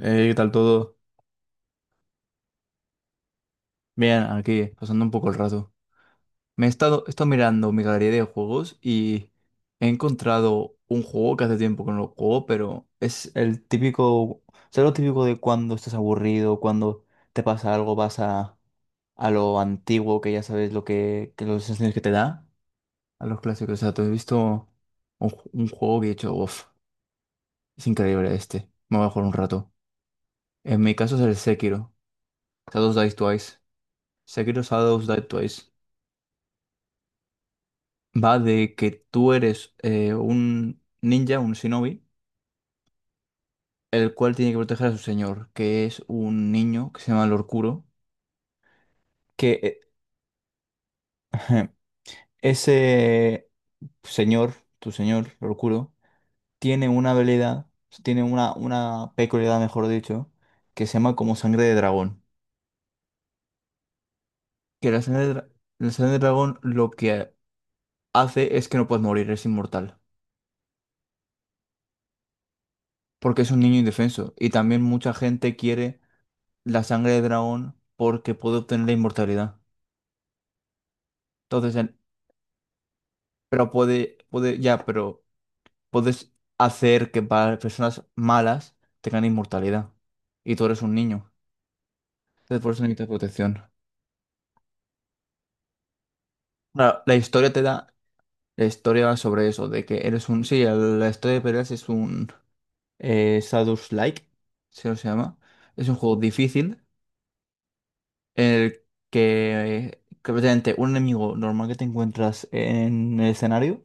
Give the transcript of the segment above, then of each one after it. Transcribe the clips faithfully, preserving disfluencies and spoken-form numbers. Eh, ¿qué tal todo? Bien, aquí, pasando un poco el rato. Me he estado, he estado mirando mi galería de juegos y he encontrado un juego que hace tiempo que no lo juego, pero es el típico. ¿Sabes lo típico de cuando estás aburrido, cuando te pasa algo, vas a, a lo antiguo, que ya sabes lo que, que los sensaciones que te da, a los clásicos? O sea, te he visto un, ju- un juego que he dicho, uff, es increíble este, me voy a jugar un rato. En mi caso es el Sekiro, Shadows Die Twice. Sekiro Shadows Die Twice. Va de que tú eres eh, un ninja, un shinobi, el cual tiene que proteger a su señor, que es un niño que se llama Lord Kuro, que eh, ese señor, tu señor, Lord Kuro, tiene una habilidad, tiene una, una peculiaridad, mejor dicho, que se llama como sangre de dragón. Que la sangre de, dra- la sangre de dragón lo que hace es que no puedes morir, es inmortal, porque es un niño indefenso, y también mucha gente quiere la sangre de dragón porque puede obtener la inmortalidad. Entonces, en- pero puede, puede, ya, pero puedes hacer que para personas malas tengan inmortalidad. Y tú eres un niño. Entonces, por eso necesitas protección. Claro, la historia te da la historia sobre eso, de que eres un. Sí, el- la historia de peleas es un eh, Like, se lo se llama. Es un juego difícil en el que, eh, que prácticamente un enemigo normal que te encuentras en el escenario.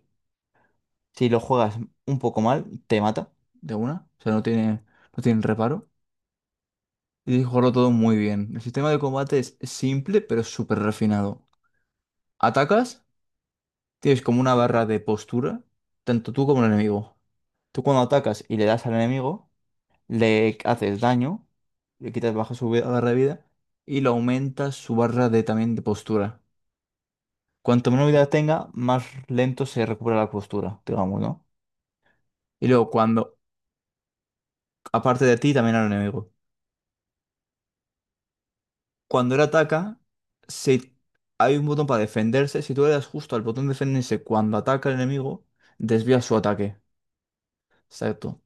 Si lo juegas un poco mal, te mata de una. O sea, no tiene, no tiene reparo. Y tienes que jugarlo todo muy bien. El sistema de combate es simple, pero súper refinado. Atacas, tienes como una barra de postura, tanto tú como el enemigo. Tú cuando atacas y le das al enemigo, le haces daño, le quitas baja su vida- barra de vida y le aumentas su barra de también de postura. Cuanto menos vida tenga, más lento se recupera la postura, digamos, ¿no? Y luego cuando, aparte de ti, también al enemigo. Cuando él ataca, si hay un botón para defenderse, si tú le das justo al botón de defenderse cuando ataca el enemigo, desvía su ataque. Exacto.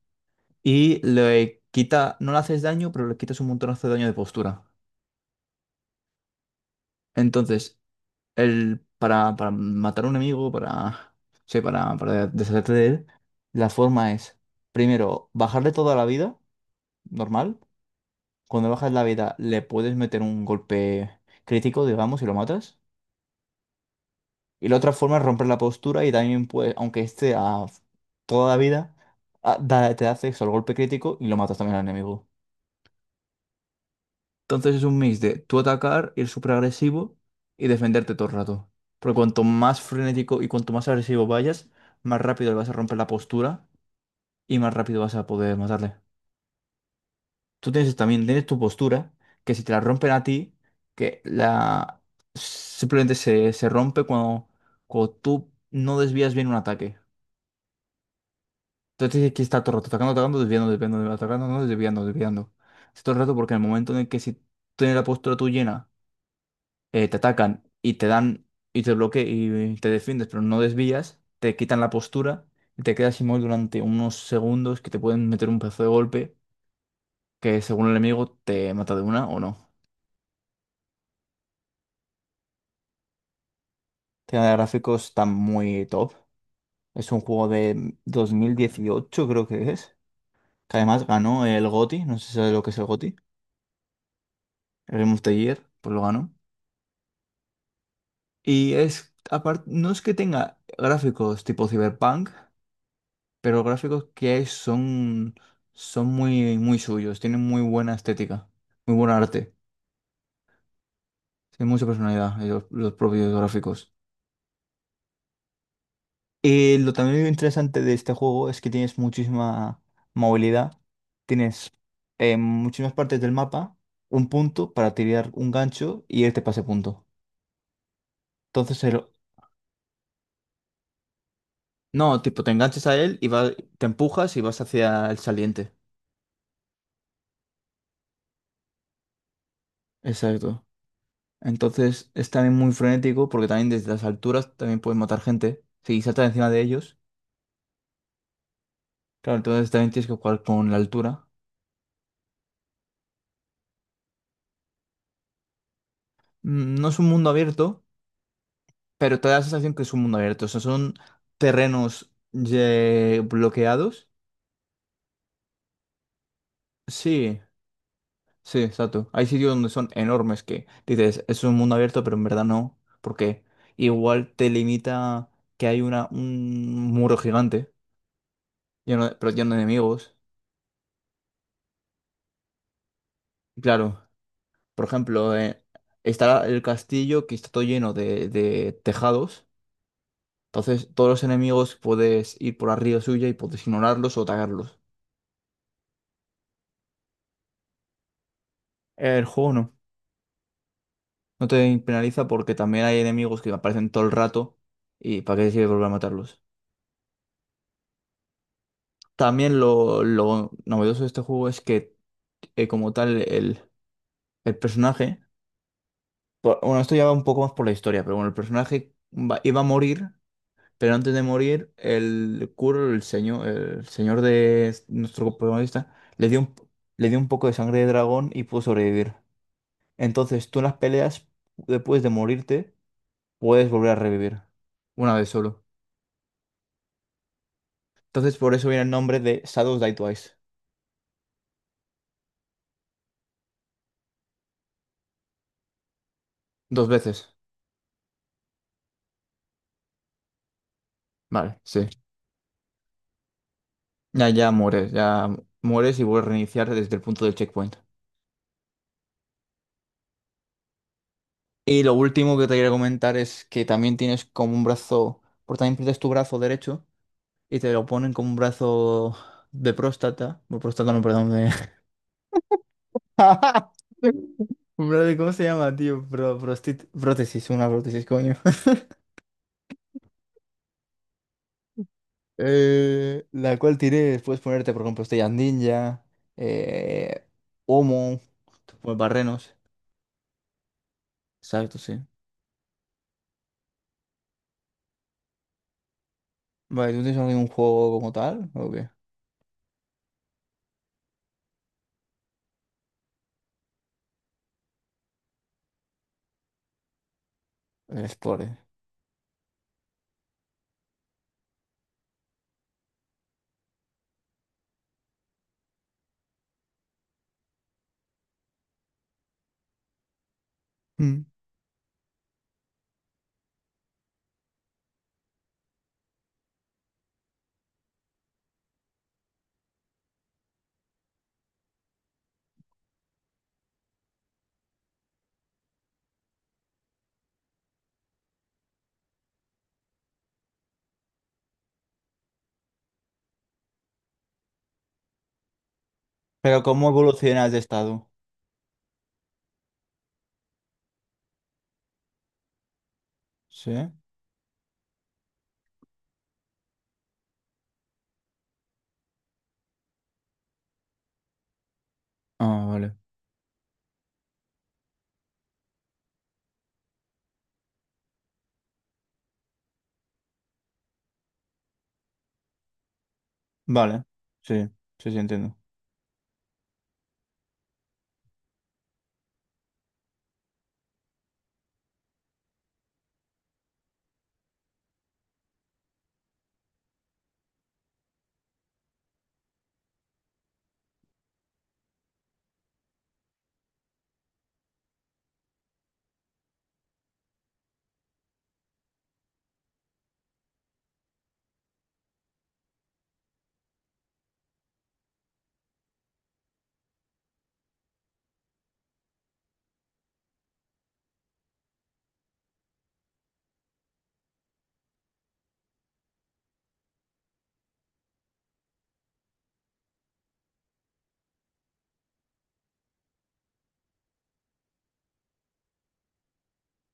Y le quita, no le haces daño, pero le quitas un montonazo de daño de postura. Entonces, el, para, para matar a un enemigo, para, sí, para, para deshacerte de él, la forma es, primero, bajarle toda la vida, normal. Cuando bajas la vida, le puedes meter un golpe crítico, digamos, y lo matas. Y la otra forma es romper la postura y también, pues, aunque esté a toda la vida, a- da- te hace eso, el golpe crítico y lo matas también al enemigo. Entonces es un mix de tú atacar, ir súper agresivo y defenderte todo el rato. Porque cuanto más frenético y cuanto más agresivo vayas, más rápido le vas a romper la postura y más rápido vas a poder matarle. Tú tienes también, tienes tu postura, que si te la rompen a ti, que la simplemente se, se rompe cuando, cuando tú no desvías bien un ataque. Entonces aquí está todo el rato atacando, atacando, desviando, desviando, atacando, no, desviando, desviando. Es todo el rato porque en el momento en el que si tienes la postura tú llena, eh, te atacan y te dan y te bloquean y te defiendes, pero no desvías, te quitan la postura y te quedas inmóvil durante unos segundos que te pueden meter un pedazo de golpe que según el enemigo te mata de una o no. Tema de gráficos está muy top. Es un juego de dos mil dieciocho creo que es. Que además ganó el GOTY, no sé si sabes lo que es el GOTY. El Game of the Year, pues lo ganó. Y es, aparte, no es que tenga gráficos tipo Cyberpunk, pero los gráficos que hay son, son muy, muy suyos, tienen muy buena estética, muy buen arte, tienen mucha personalidad eh, los, los propios gráficos. Y lo también interesante de este juego es que tienes muchísima movilidad, tienes eh, muchísimas partes del mapa, un punto para tirar un gancho y irte pase punto. Entonces, el- no, tipo, te enganchas a él y va- te empujas y vas hacia el saliente. Exacto. Entonces es también muy frenético porque también desde las alturas también puedes matar gente. Si saltas encima de ellos, claro, entonces también tienes que jugar con la altura. Mm, no es un mundo abierto, pero te da la sensación que es un mundo abierto. O sea, son terrenos ye- bloqueados. Sí, sí, exacto. Hay sitios donde son enormes que dices, es un mundo abierto, pero en verdad no, porque igual te limita que hay una, un muro gigante lleno de- pero lleno de enemigos. Claro. Por ejemplo, eh, está el castillo que está todo lleno de, de tejados. Entonces, todos los enemigos puedes ir por arriba suya y puedes ignorarlos o atacarlos. El juego no. No te penaliza porque también hay enemigos que aparecen todo el rato y para qué te sirve volver a matarlos. También lo, lo novedoso de este juego es que, eh, como tal, el, el personaje. Por- bueno, esto ya va un poco más por la historia, pero bueno, el personaje va- iba a morir. Pero antes de morir, el Kuro, el señor, el señor de s- nuestro protagonista, le dio un, p- le dio un poco de sangre de dragón y pudo sobrevivir. Entonces, tú en las peleas, después de morirte, puedes volver a revivir. Una vez solo. Entonces, por eso viene el nombre de Shadows Die Twice. Dos veces. Vale, sí. Ya, ya mueres, ya mueres y vuelves a reiniciar desde el punto del checkpoint. Y lo último que te quiero comentar es que también tienes como un brazo, porque también pierdes tu brazo derecho y te lo ponen con un brazo de próstata, o próstata no, perdón, de... un brazo de- ¿Cómo se llama, tío? Pro- prostit- prótesis, una prótesis, coño. Eh, la cual tiré, puedes ponerte, por ejemplo, estrellas ninja, eh, Homo, te pones barrenos. Exacto, sí. Vale, ¿tú tienes algún juego como tal? ¿O qué? El Spore. Mm. Pero ¿cómo evolucionas de estado? Sí. Ah, vale. Vale. Sí, sí, sí, entiendo.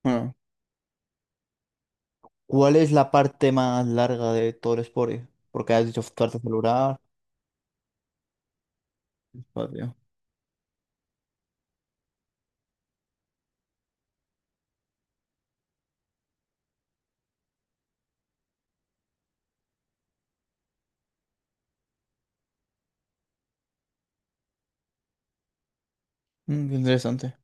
Bueno, ¿cuál es la parte más larga de todo el Spore? Porque has dicho parte celular, espacio. Mm, qué interesante.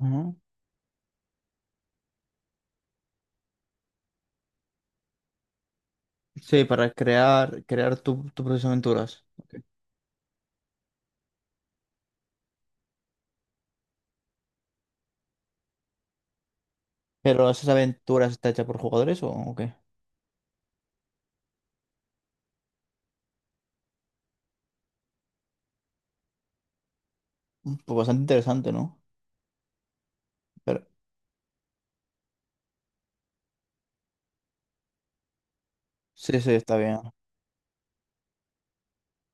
Ajá. Sí, para crear, crear tu, tu propias aventuras. Ok. ¿Pero esas aventuras están hechas por jugadores o, o qué? Mm, pues bastante interesante, ¿no? Pero, sí, sí, está bien.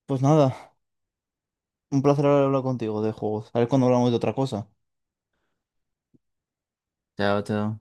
Pues nada, un placer hablar contigo de juegos. A ver cuando hablamos de otra cosa. Chao, chao.